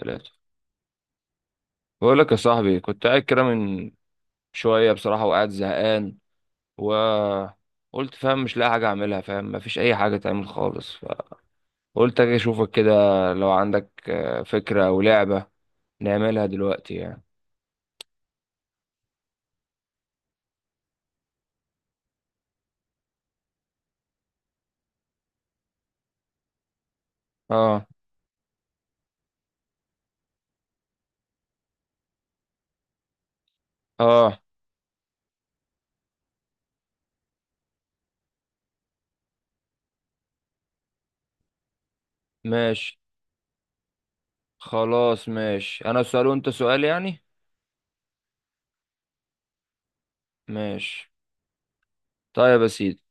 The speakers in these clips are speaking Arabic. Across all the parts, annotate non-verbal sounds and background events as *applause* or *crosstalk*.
ثلاثة. بقول لك يا صاحبي، كنت قاعد كده من شوية بصراحة وقاعد زهقان، وقلت فاهم، مش لاقي حاجة أعملها، فاهم، مفيش أي حاجة تعمل خالص. فقلت أجي أشوفك كده، لو عندك فكرة أو لعبة نعملها دلوقتي يعني. آه. آه. ماشي. خلاص ماشي، أنا سؤال وأنت سؤال يعني. ماشي. طيب يا سيدي،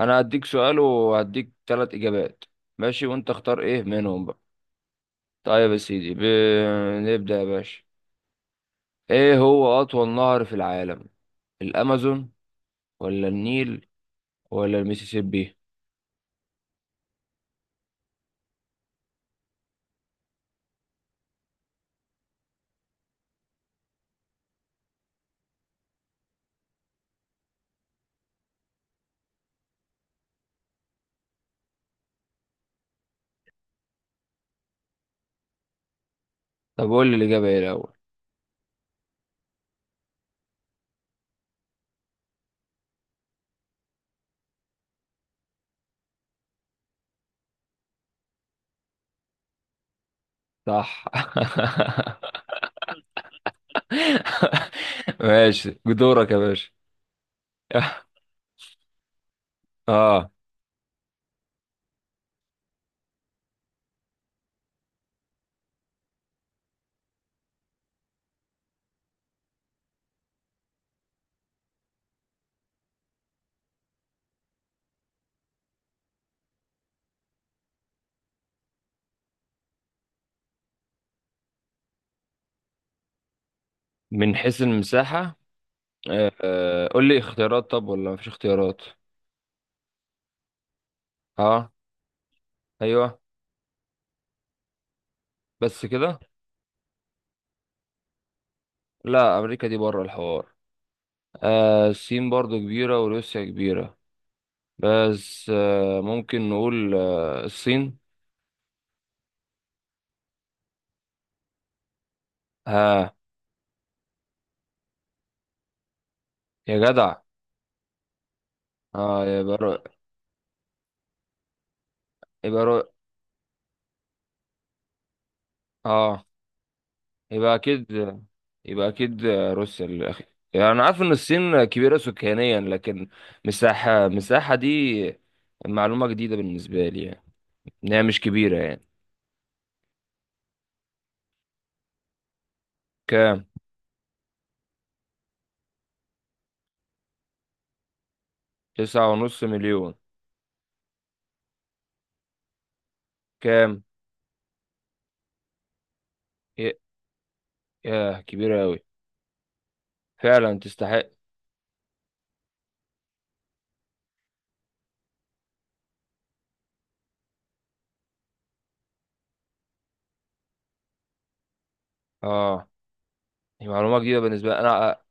أنا هديك سؤال وهديك تلات إجابات، ماشي، وأنت اختار إيه منهم بقى. طيب يا سيدي نبدأ يا باشا. ايه هو اطول نهر في العالم؟ الامازون ولا النيل ولا الميسيسيبي؟ طب قول لي الاجابه ايه الاول. صح. *laughs* ماشي، دورك يا باشا. *laughs* اه، من حيث المساحه. آه. قول لي اختيارات، طب ولا مفيش اختيارات؟ اه. ايوه، بس كده؟ لا، امريكا دي بره الحوار. آه، الصين برضو كبيره وروسيا كبيره، بس آه ممكن نقول آه الصين. ها؟ يا جدع، اه يبقى يبقى اه، يبقى اكيد، يبقى اكيد روسيا الاخير. يعني انا عارف ان الصين كبيره سكانيا، لكن مساحه، دي معلومه جديده بالنسبه لي يعني، ان هي مش كبيره يعني. كام؟ تسعة ونص مليون. كام؟ ياه. ياه، كبيره قوي، فعلا تستحق. اه، دي معلومه جديده بالنسبه لي انا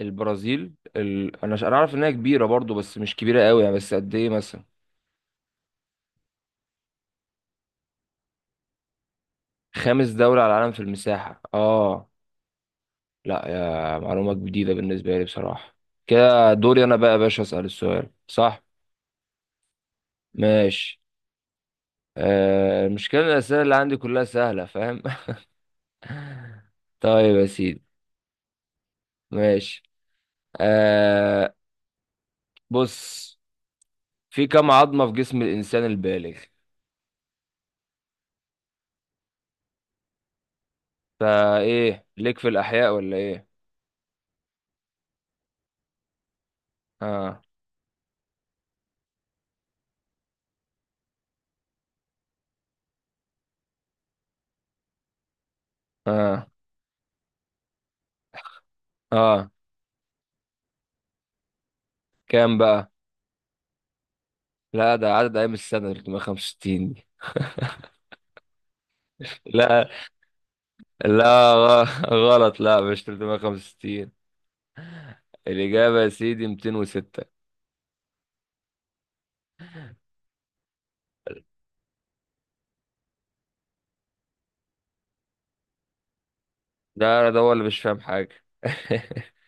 البرازيل انا انا عارف انها كبيره برضو، بس مش كبيره قوي يعني، بس قد ايه مثلا؟ خامس دوله على العالم في المساحه؟ اه، لا يا معلومة جديدة بالنسبة لي بصراحة. كده دوري أنا بقى يا باشا، أسأل السؤال، صح؟ ماشي. آه، المشكلة إن الأسئلة اللي عندي كلها سهلة، فاهم؟ *laughs* طيب يا سيدي، ماشي، آه، بص، في كم عظمة في جسم الإنسان البالغ؟ فإيه ليك في الأحياء ولا إيه؟ آه. آه. آه، كام بقى؟ لا، ده عدد أيام السنة 365 دي. لا، لا، غلط، لا مش 365. الإجابة يا سيدي 206. ده أنا ده هو اللي مش فاهم حاجة. *laughs*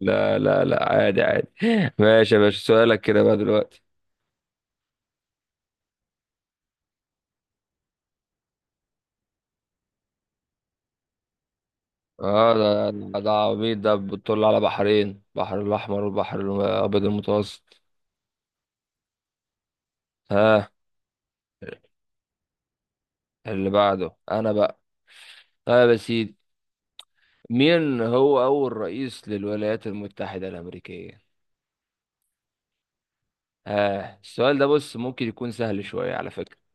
لا لا لا، عادي عادي. ماشي يا باشا، سؤالك كده بقى دلوقتي. اه، ده عبيط ده، بتطل على بحرين، بحر الأحمر والبحر الأبيض المتوسط. ها؟ اللي بعده أنا بقى. طيب يا سيدي، مين هو أول رئيس للولايات المتحدة الأمريكية؟ آه، السؤال ده بص ممكن يكون سهل شوية على فكرة،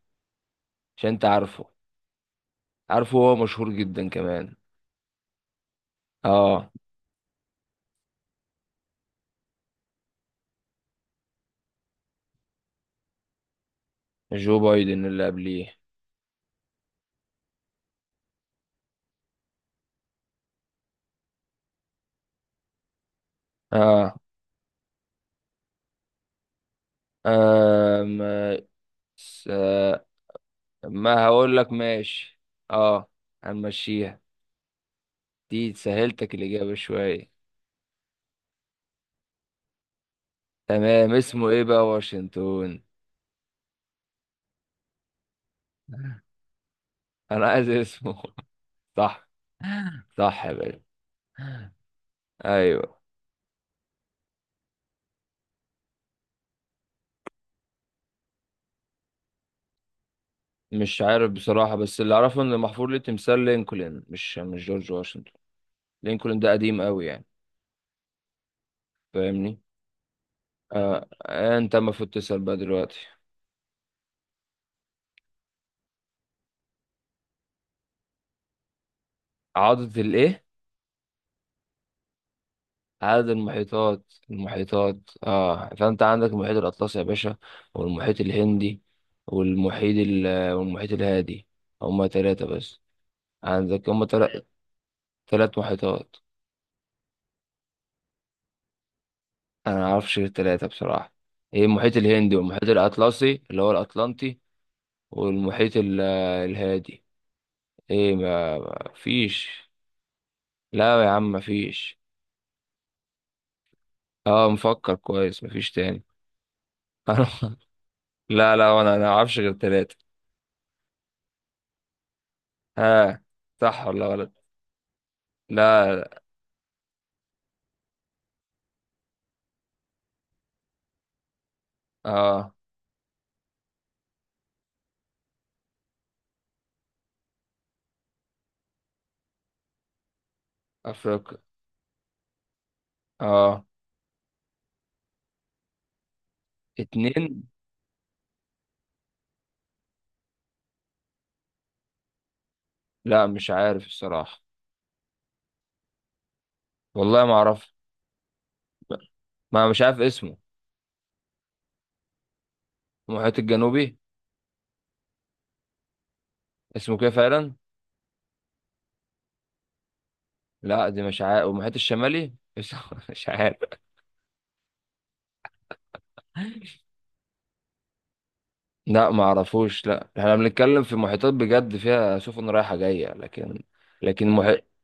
عشان أنت عارفه، عارفه، هو مشهور جدا كمان. آه. جو بايدن اللي قبليه. اه. آم، س- ما هقول لك ماشي. اه، هنمشيها، دي سهلتك الإجابة شوية. تمام، اسمه ايه بقى واشنطن؟ انا عايز اسمه. *laughs* صح. صح يا باشا. ايوه. مش عارف بصراحة، بس اللي اعرفه ان محفور ليه تمثال لينكولن، مش جورج واشنطن. لينكولن ده قديم قوي يعني، فاهمني؟ آه. انت المفروض تسأل بقى دلوقتي. عضة الايه؟ عدد المحيطات؟ المحيطات، اه، فانت عندك المحيط الاطلسي يا باشا، والمحيط الهندي، والمحيط والمحيط الهادي. هما تلاتة بس. عندك هما تلات محيطات. انا معرفش غير التلاتة بصراحة. ايه؟ المحيط الهندي والمحيط الاطلسي اللي هو الاطلنطي، والمحيط الهادي. ايه، ما ما فيش. لا يا عم، ما فيش. اه، مفكر كويس، ما فيش تاني. *laughs* لا لا، انا معرفش غير التلاتة. ها؟ صح ولا غلط؟ لا. اه. افريقيا. اه. اتنين. لا، مش عارف الصراحة. والله ما اعرف. ما مش عارف اسمه. المحيط الجنوبي؟ اسمه كده فعلا؟ لا دي مش عارف، والمحيط الشمالي *laughs* مش عارف. لا ما اعرفوش، لا احنا بنتكلم في محيطات بجد، فيها سفن رايحة جاية، لكن لكن محيط.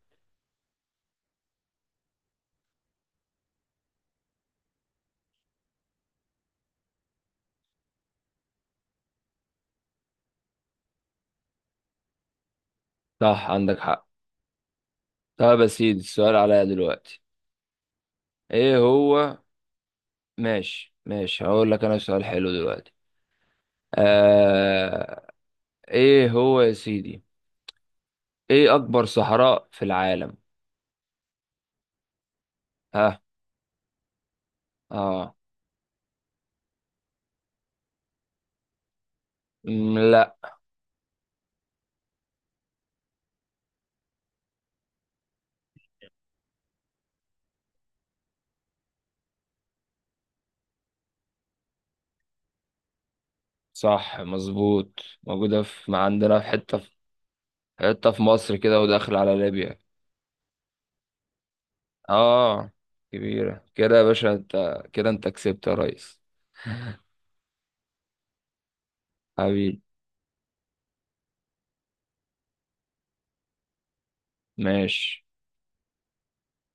صح، عندك حق. طب يا سيدي، السؤال عليا دلوقتي. ايه هو؟ ماشي ماشي، هقول لك انا سؤال حلو دلوقتي. آه... ايه هو يا سيدي؟ ايه اكبر صحراء في العالم؟ ها؟ اه. مم، لا. صح مظبوط، موجودة في، ما عندنا في حتة في، حتة في مصر كده وداخل على ليبيا. اه، كبيرة كده يا باشا، انت كده انت كسبت يا ريس. *laughs* حبيبي. ماشي.